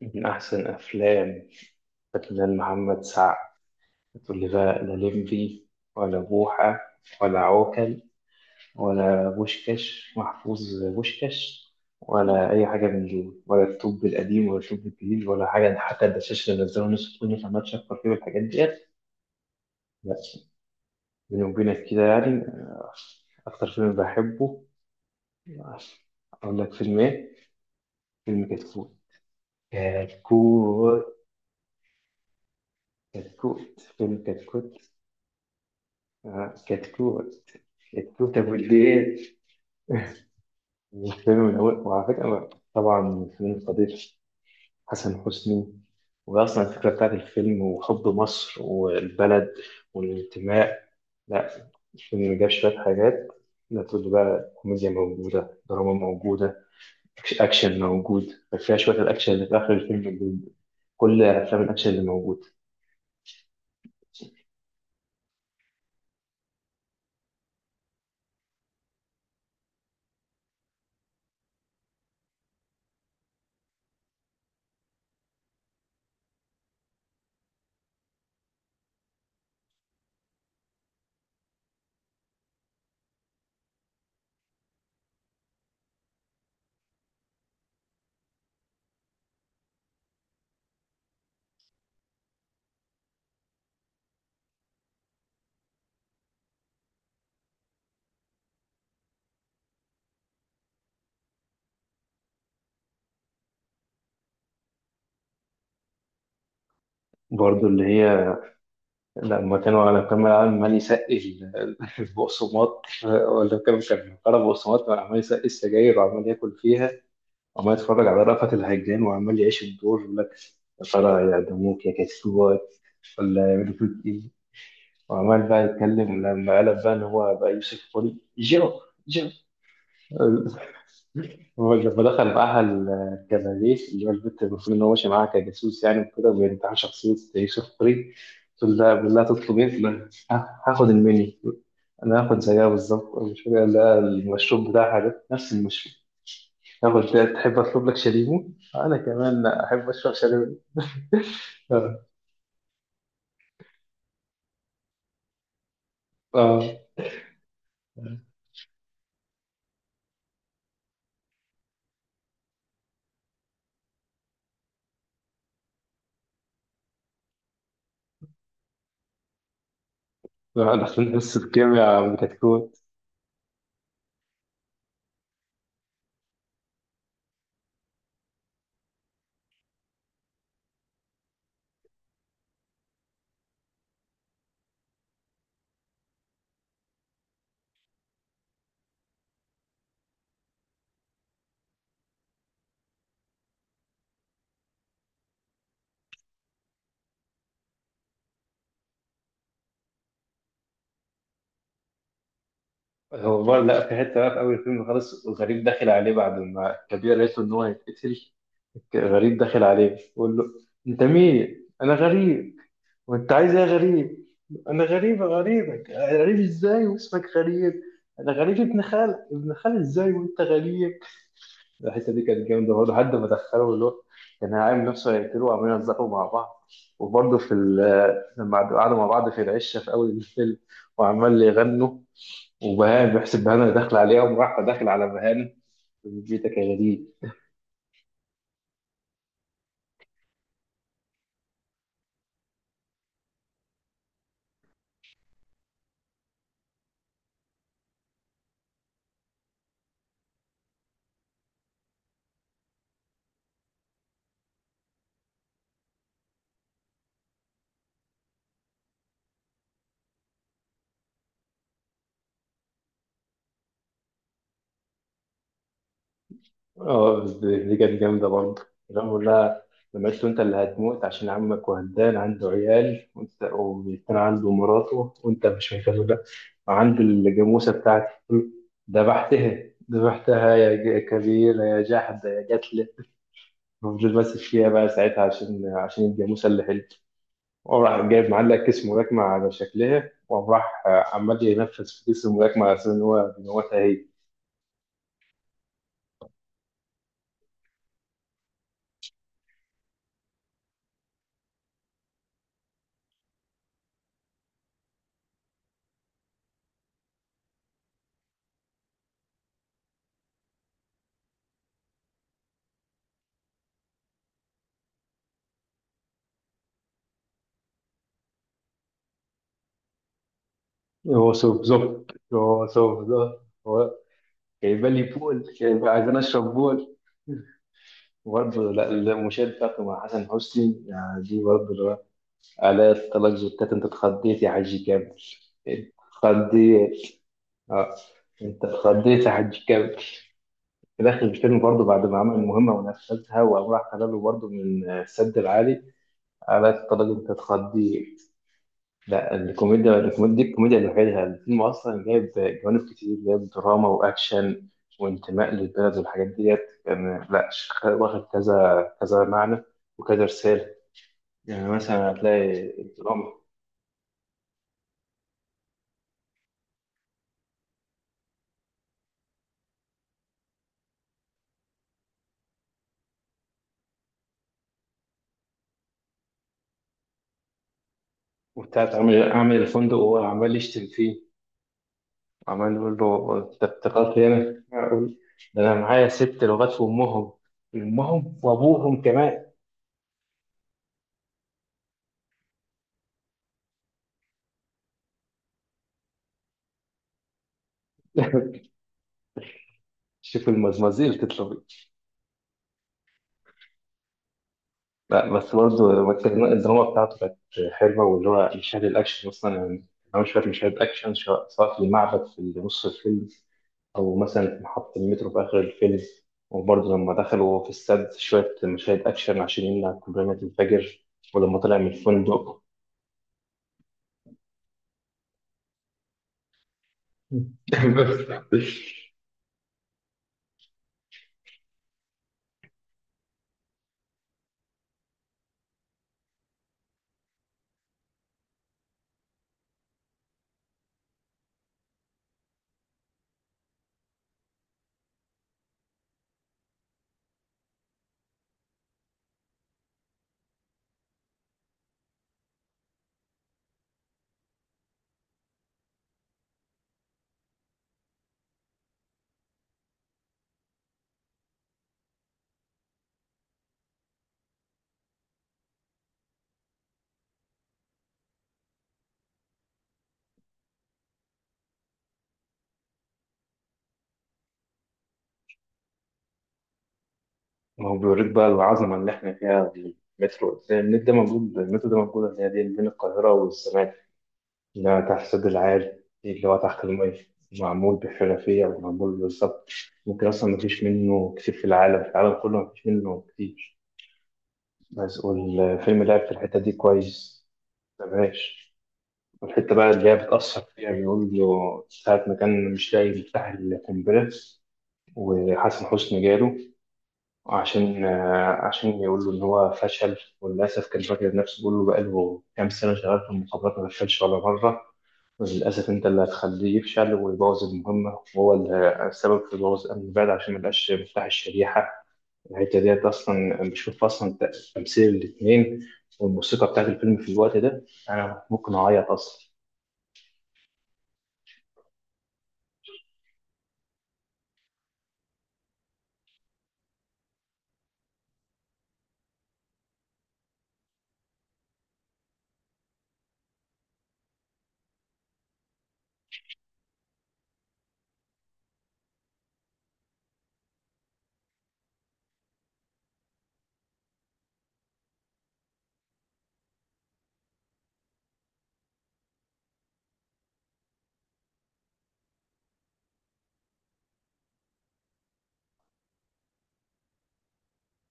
من أحسن أفلام فنان محمد سعد تقول لي بقى، لا لمبي ولا بوحة ولا عوكل ولا بوشكاش محفوظ بوشكاش ولا أي حاجة من دول، ولا الطب القديم ولا الطب الجديد ولا حاجة. حتى الدشاش اللي نزلوا نص الفيلم فما تشكر فيه والحاجات ديت. لا، بيني وبينك كده يعني أكتر فيلم بحبه. آه، أقول لك فيلم إيه؟ فيلم كتكوت. كتكوت. كتكوت فيلم كتكوت. كتكوت. التوتة بالليل. والفيلم من أول، وعلى فكرة أنا طبعا فيلم القدير حسن حسني. وأصلا الفكرة بتاعت الفيلم وحب مصر والبلد والانتماء. لا، الفيلم جاب شوية حاجات. لا، تقول لي بقى كوميديا موجودة، دراما موجودة، أكشن موجود فيها. شوية الأكشن اللي في آخر الفيلم كل أفلام الأكشن اللي موجود. برضه اللي هي لما كانوا لما كان العالم عمال يسقي البقسماط. ولا كان قرا بقسماط عمال يسقي السجاير وعمال ياكل فيها، وعمال يتفرج على رأفت الهجان وعمال يعيش الدور يقول لك: يا ترى يعدموك يا كسوات ولا يعملوا فيك ايه؟ وعمال بقى يتكلم لما قلب بقى ان هو بقى يوسف فولي. جو، جو. هو لما دخل معاها الكباريه، اللي هو البنت المفروض ان هو ماشي معاها كجاسوس يعني وكده، وبينتحل شخصيه يوسف فولي، تقول لها بالله تطلب ايه؟ تقول لها: هاخد المنيو، انا هاخد زيها بالظبط. المشاريع اللي المشروب بتاعها ده نفس المشروب. هاخد ده، تحب اطلب لك شاليمو؟ انا كمان احب اشرب شاليمو. اه. اه. آه. داخلين حصه كيمياء كتكوت. هو برضه لا، في حته بقى في اول الفيلم خالص، غريب داخل عليه بعد ما كبير قالت له ان هو هيتقتل. غريب داخل عليه بيقول له: انت مين؟ انا غريب. وانت عايز ايه يا غريب؟ انا غريب يا غريبك. غريب ازاي واسمك غريب؟ انا غريب ابن خال. ابن خال ازاي وانت غريب؟ الحته دي كانت جامده برضه لحد ما دخلوا، اللي هو كان عامل نفسه هيقتله وعمالين يهزقوا مع بعض. وبرضه في لما قعدوا مع بعض في العشه في اول الفيلم وعمال يغنوا، وبهان بيحسب بهان اللي داخل عليها وراح داخل على بهان: بيتك يا غريب. اه، بس دي كانت جامدة برضه. لما بقول لها، لما قلت له: انت اللي هتموت عشان عمك وهدان عنده عيال، وانت وكان عنده مراته وانت مش مكملة، وعنده الجاموسة بتاعتي ذبحتها. ذبحتها يا كبيرة يا جحدة يا جتلة. فضل ماسك فيها بقى ساعتها عشان الجاموسة اللي حلت. وراح جايب معلق كيس ملاكمة على شكلها، وراح عمال ينفذ في كيس الملاكمة على أساس إن هو بيموتها هي. هو سوف زوب، هو سوف زوب. جايبه لي بول، جايبه عايزين اشرب بول. برضه لا. المشاهد بتاعته مع حسن حسني يعني دي برضه اللي هو: آلاء طلاق زوجتك. انت اتخضيت يا حاج كامل. انت اتخضيت. اه. انت اتخضيت يا حاج كامل. في داخل الفيلم برضه بعد ما عمل المهمه ونفذها، وقام راح قال له برضه من السد العالي: آلاء طلاق. انت اتخضيت. لا الكوميديا، الكوميديا دي الكوميديا لوحدها. الفيلم اصلا جايب جوانب كتير، جايب دراما واكشن وانتماء للبلد والحاجات ديت. كان لا واخد كذا كذا معنى وكذا رساله. يعني مثلا هتلاقي الدراما. وبتاعت عامل الفندق وهو عمال يشتم فيه، عمال يقول له: انت افتكرت هنا؟ ده انا معايا ست لغات في امهم، امهم وابوهم كمان. شوف المزمزيل تطلع. لا بس برضه الدراما بتاعته كانت حلوه. واللي هو مشاهد الاكشن اصلا يعني، انا مش فاكر مشاهد اكشن، سواء في المعبد في نص الفيلم، او مثلا في محطه المترو في اخر الفيلم. وبرضه لما دخلوا في السد شويه مشاهد اكشن عشان يمنع قنبله الفجر. ولما طلع من الفندق ما هو بيوريك بقى العظمه اللي احنا فيها في المترو ده. ده موجود، المترو ده موجود، اللي هي دي بين القاهره والسمان. لا تحسد العالي اللي هو تحت المية، معمول بحرفية ومعمول بالظبط. ممكن أصلا مفيش منه كتير في العالم. في العالم كله مفيش منه كتير. بس والفيلم لعب في الحتة دي كويس. مبهاش. والحتة بقى اللي هي بتأثر فيها، بيقول له ساعة ما كان مش لاقي مفتاح القنبلة وحسن حسني جاله عشان عشان يقول له إن هو فشل. وللأسف كان فاكر نفسه، بيقول له بقاله كام سنة شغال في المخابرات ما فشلش ولا مرة، للأسف أنت اللي هتخليه يفشل ويبوظ المهمة، وهو اللي السبب في بوظ أمن البلد عشان مبقاش مفتاح الشريحة. الحتة ديت أصلا بشوف أصلا تمثيل الاتنين والموسيقى بتاعت الفيلم في الوقت ده، أنا ممكن أعيط أصلا.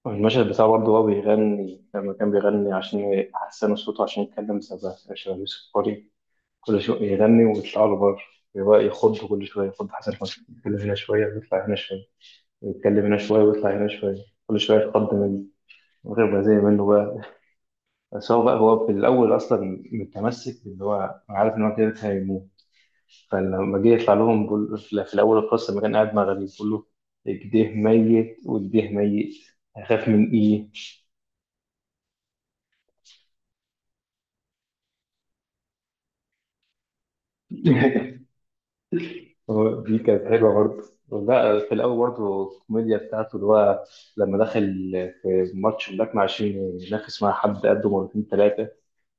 المشهد بتاعه برضه، هو بيغني لما كان بيغني عشان يحسنوا صوته عشان يتكلم شبه يوسف قري. كل شوية يغني ويطلع له بره، يبقى يخض. كل شوية يخض حسن حسني، يتكلم هنا شوية ويطلع هنا شوية، يتكلم هنا شوية ويطلع هنا شوية، كل شوية يتقدم وتبقى زي منه بقى. بس هو بقى، هو في الأول أصلا متمسك إن هو عارف إن هو كده كده هيموت. فلما جه يطلع لهم بقول، في الأول القصة لما كان قاعد مع غريب بيقول له: إيديه ميت وإيديه ميت، هخاف من إيه؟ هو دي كانت حلوة برضه. لا في الأول برضه الكوميديا بتاعته اللي هو لما دخل في ماتش هناك، مع عشان ينافس مع حد قده مرتين ثلاثة،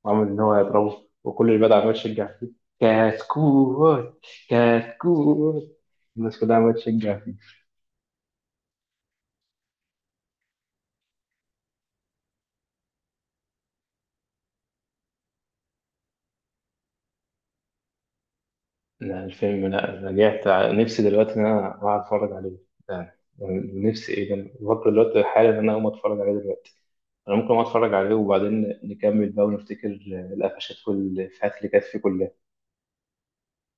وعمل إن هو يضربه وكل اللي بدأ عمال يشجع فيه: كتكوت، كتكوت. الناس كلها عمالة تشجع فيه. لا الفيلم، لا رجعت نفسي دلوقتي إن أنا أقعد أتفرج عليه ده. نفسي، إيه ده، برضه دلوقتي حالا إن أنا أقوم أتفرج عليه دلوقتي. أنا ممكن أقوم أتفرج عليه وبعدين نكمل بقى ونفتكر القفشات والإفيهات اللي كانت فيه كلها.